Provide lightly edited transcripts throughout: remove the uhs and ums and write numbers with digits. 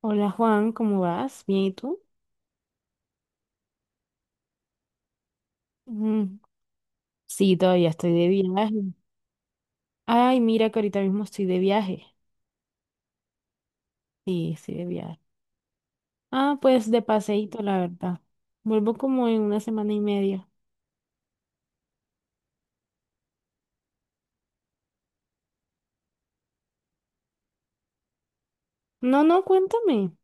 Hola Juan, ¿cómo vas? ¿Bien y tú? Mm, sí, todavía estoy de viaje. Ay, mira que ahorita mismo estoy de viaje. Sí, estoy de viaje. Ah, pues de paseíto, la verdad. Vuelvo como en una semana y media. No, no, cuéntame.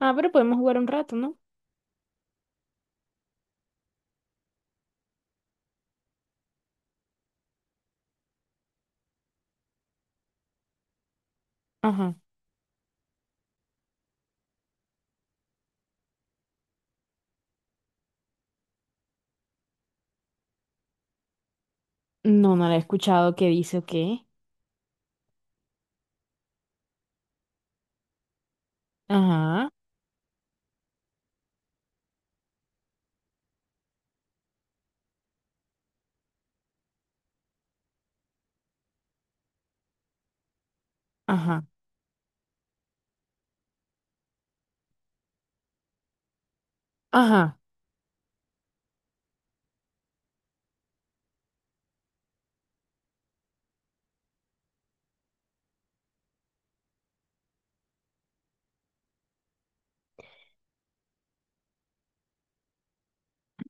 Ah, pero podemos jugar un rato, ¿no? Ajá. No, no la he escuchado. ¿Qué dice o qué? Ajá, ajá, ajá.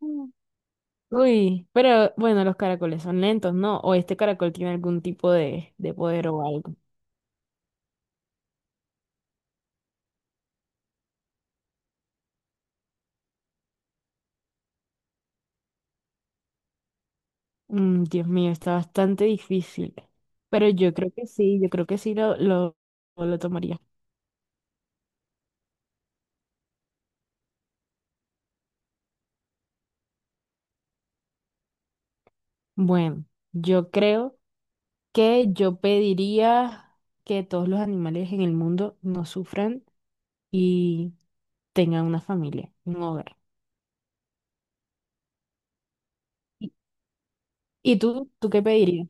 Mm. Uy, pero bueno, los caracoles son lentos, ¿no? O este caracol tiene algún tipo de poder o algo. Mm, Dios mío, está bastante difícil. Pero yo creo que sí, yo creo que sí lo tomaría. Bueno, yo creo que yo pediría que todos los animales en el mundo no sufran y tengan una familia, un hogar. ¿Y, y tú qué pedirías?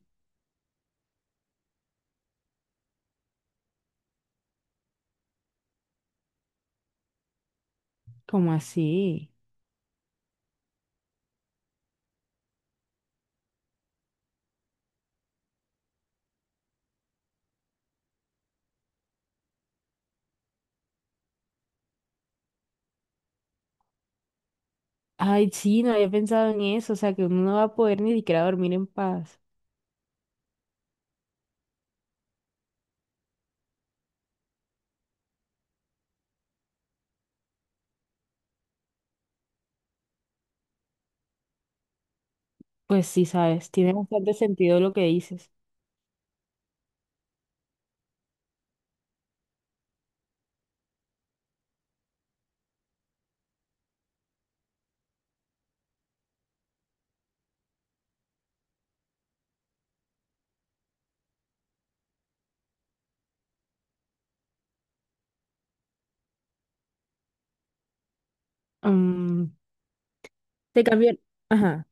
¿Cómo así? Ay, sí, no había pensado en eso, o sea, que uno no va a poder ni siquiera dormir en paz. Pues sí, sabes, tiene bastante sentido lo que dices. Mm, te cambió. Ajá,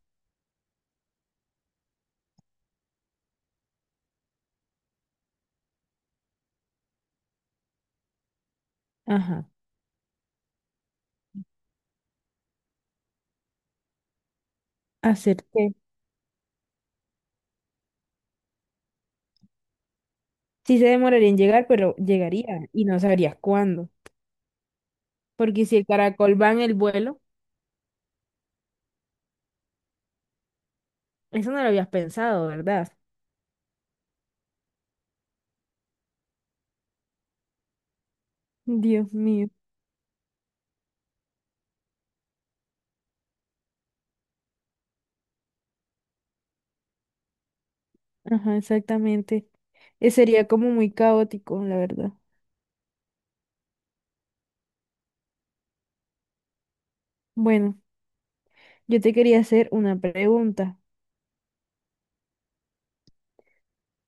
ajá. Acerté. Sí se demoraría en llegar, pero llegaría y no sabrías cuándo. Porque si el caracol va en el vuelo, eso no lo habías pensado, ¿verdad? Dios mío. Ajá, exactamente. Sería como muy caótico, la verdad. Bueno, yo te quería hacer una pregunta.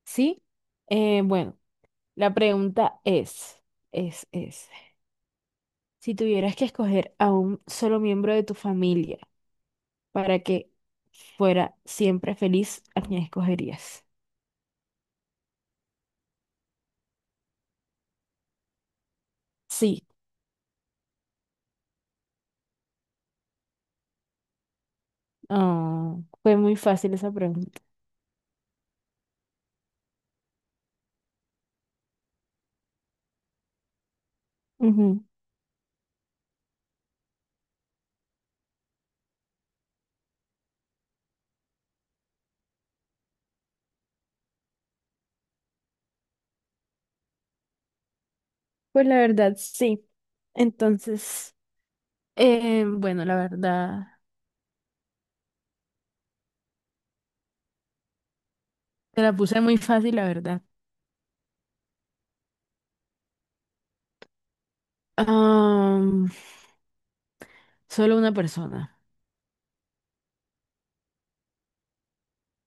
Sí. Bueno, la pregunta es, si tuvieras que escoger a un solo miembro de tu familia para que fuera siempre feliz, ¿a quién escogerías? Sí. Ah, fue muy fácil esa pregunta. Ujú. Pues la verdad, sí. Entonces, bueno, la verdad, te la puse muy fácil, la verdad. Am, solo una persona.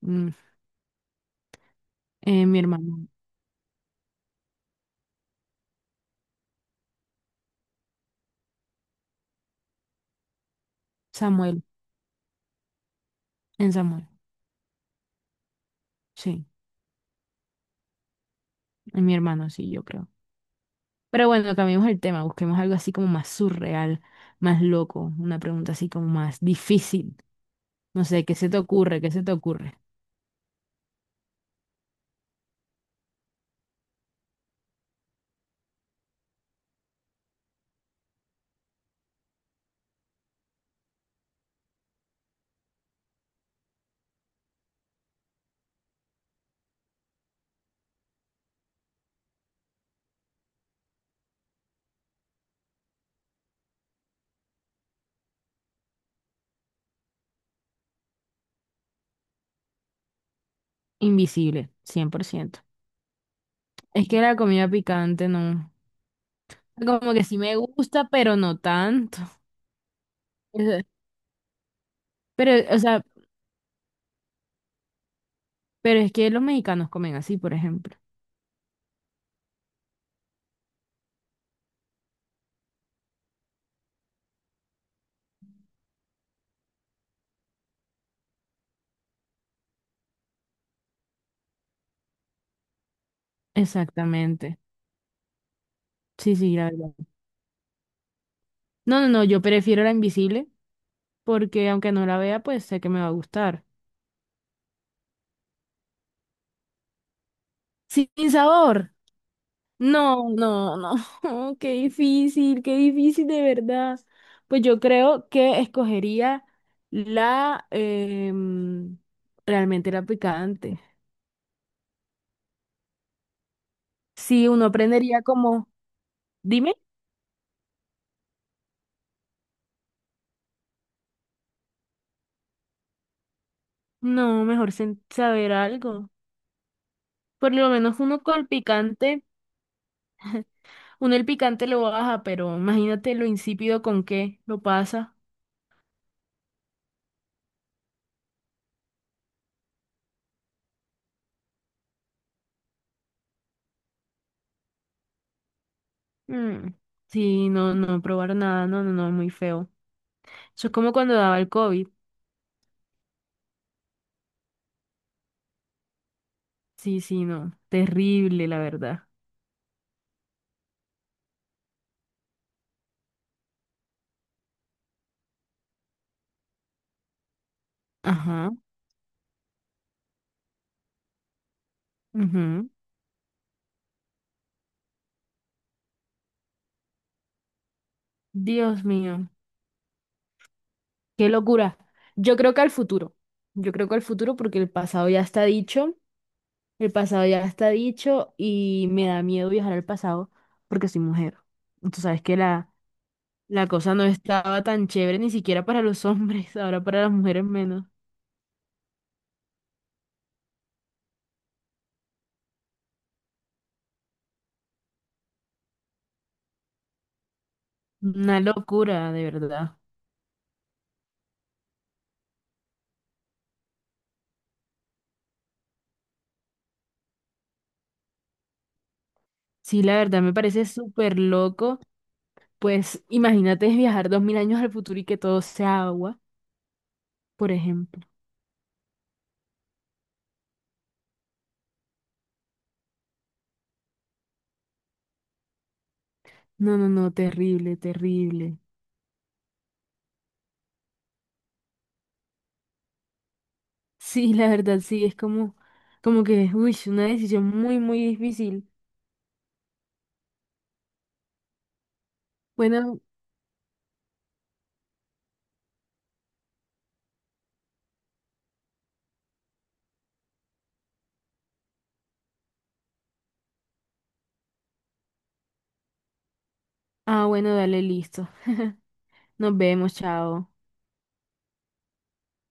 Mm, mi hermano, Samuel, en Samuel. Sí, en mi hermano, sí, yo creo. Pero bueno, cambiemos el tema, busquemos algo así como más surreal, más loco, una pregunta así como más difícil. No sé, ¿qué se te ocurre? ¿Qué se te ocurre? Invisible, 100%. Es que la comida picante no. Como que sí me gusta, pero no tanto. Es- Pero, o sea, pero es que los mexicanos comen así, por ejemplo. Exactamente. Sí, sí, la verdad. No, no, no, yo prefiero la invisible porque aunque no la vea, pues sé que me va a gustar. Sin sabor. No, no, no. Oh, qué difícil de verdad. Pues yo creo que escogería la, em, realmente la picante. Sí, uno aprendería como, dime. No, mejor saber algo. Por lo menos uno con el picante, uno el picante lo baja, pero imagínate lo insípido con que lo pasa. Mm, sí, no, no probar nada, no, no, no, muy feo. Eso es como cuando daba el COVID. Sí, sí, no, terrible, la verdad. Ajá, ujú. Dios mío, qué locura. Yo creo que al futuro, yo creo que al futuro porque el pasado ya está dicho. El pasado ya está dicho y me da miedo viajar al pasado porque soy mujer. Y tú sabes que la cosa no estaba tan chévere ni siquiera para los hombres, ahora para las mujeres menos. Una locura, de verdad. Sí, la verdad me parece súper loco. Pues imagínate viajar 2.000 años al futuro y que todo sea agua, por ejemplo. No, no, no, terrible, terrible. Sí, la verdad sí, es como, como que, uy, una decisión muy, muy difícil. Bueno, bueno, dale, listo. Nos vemos, chao.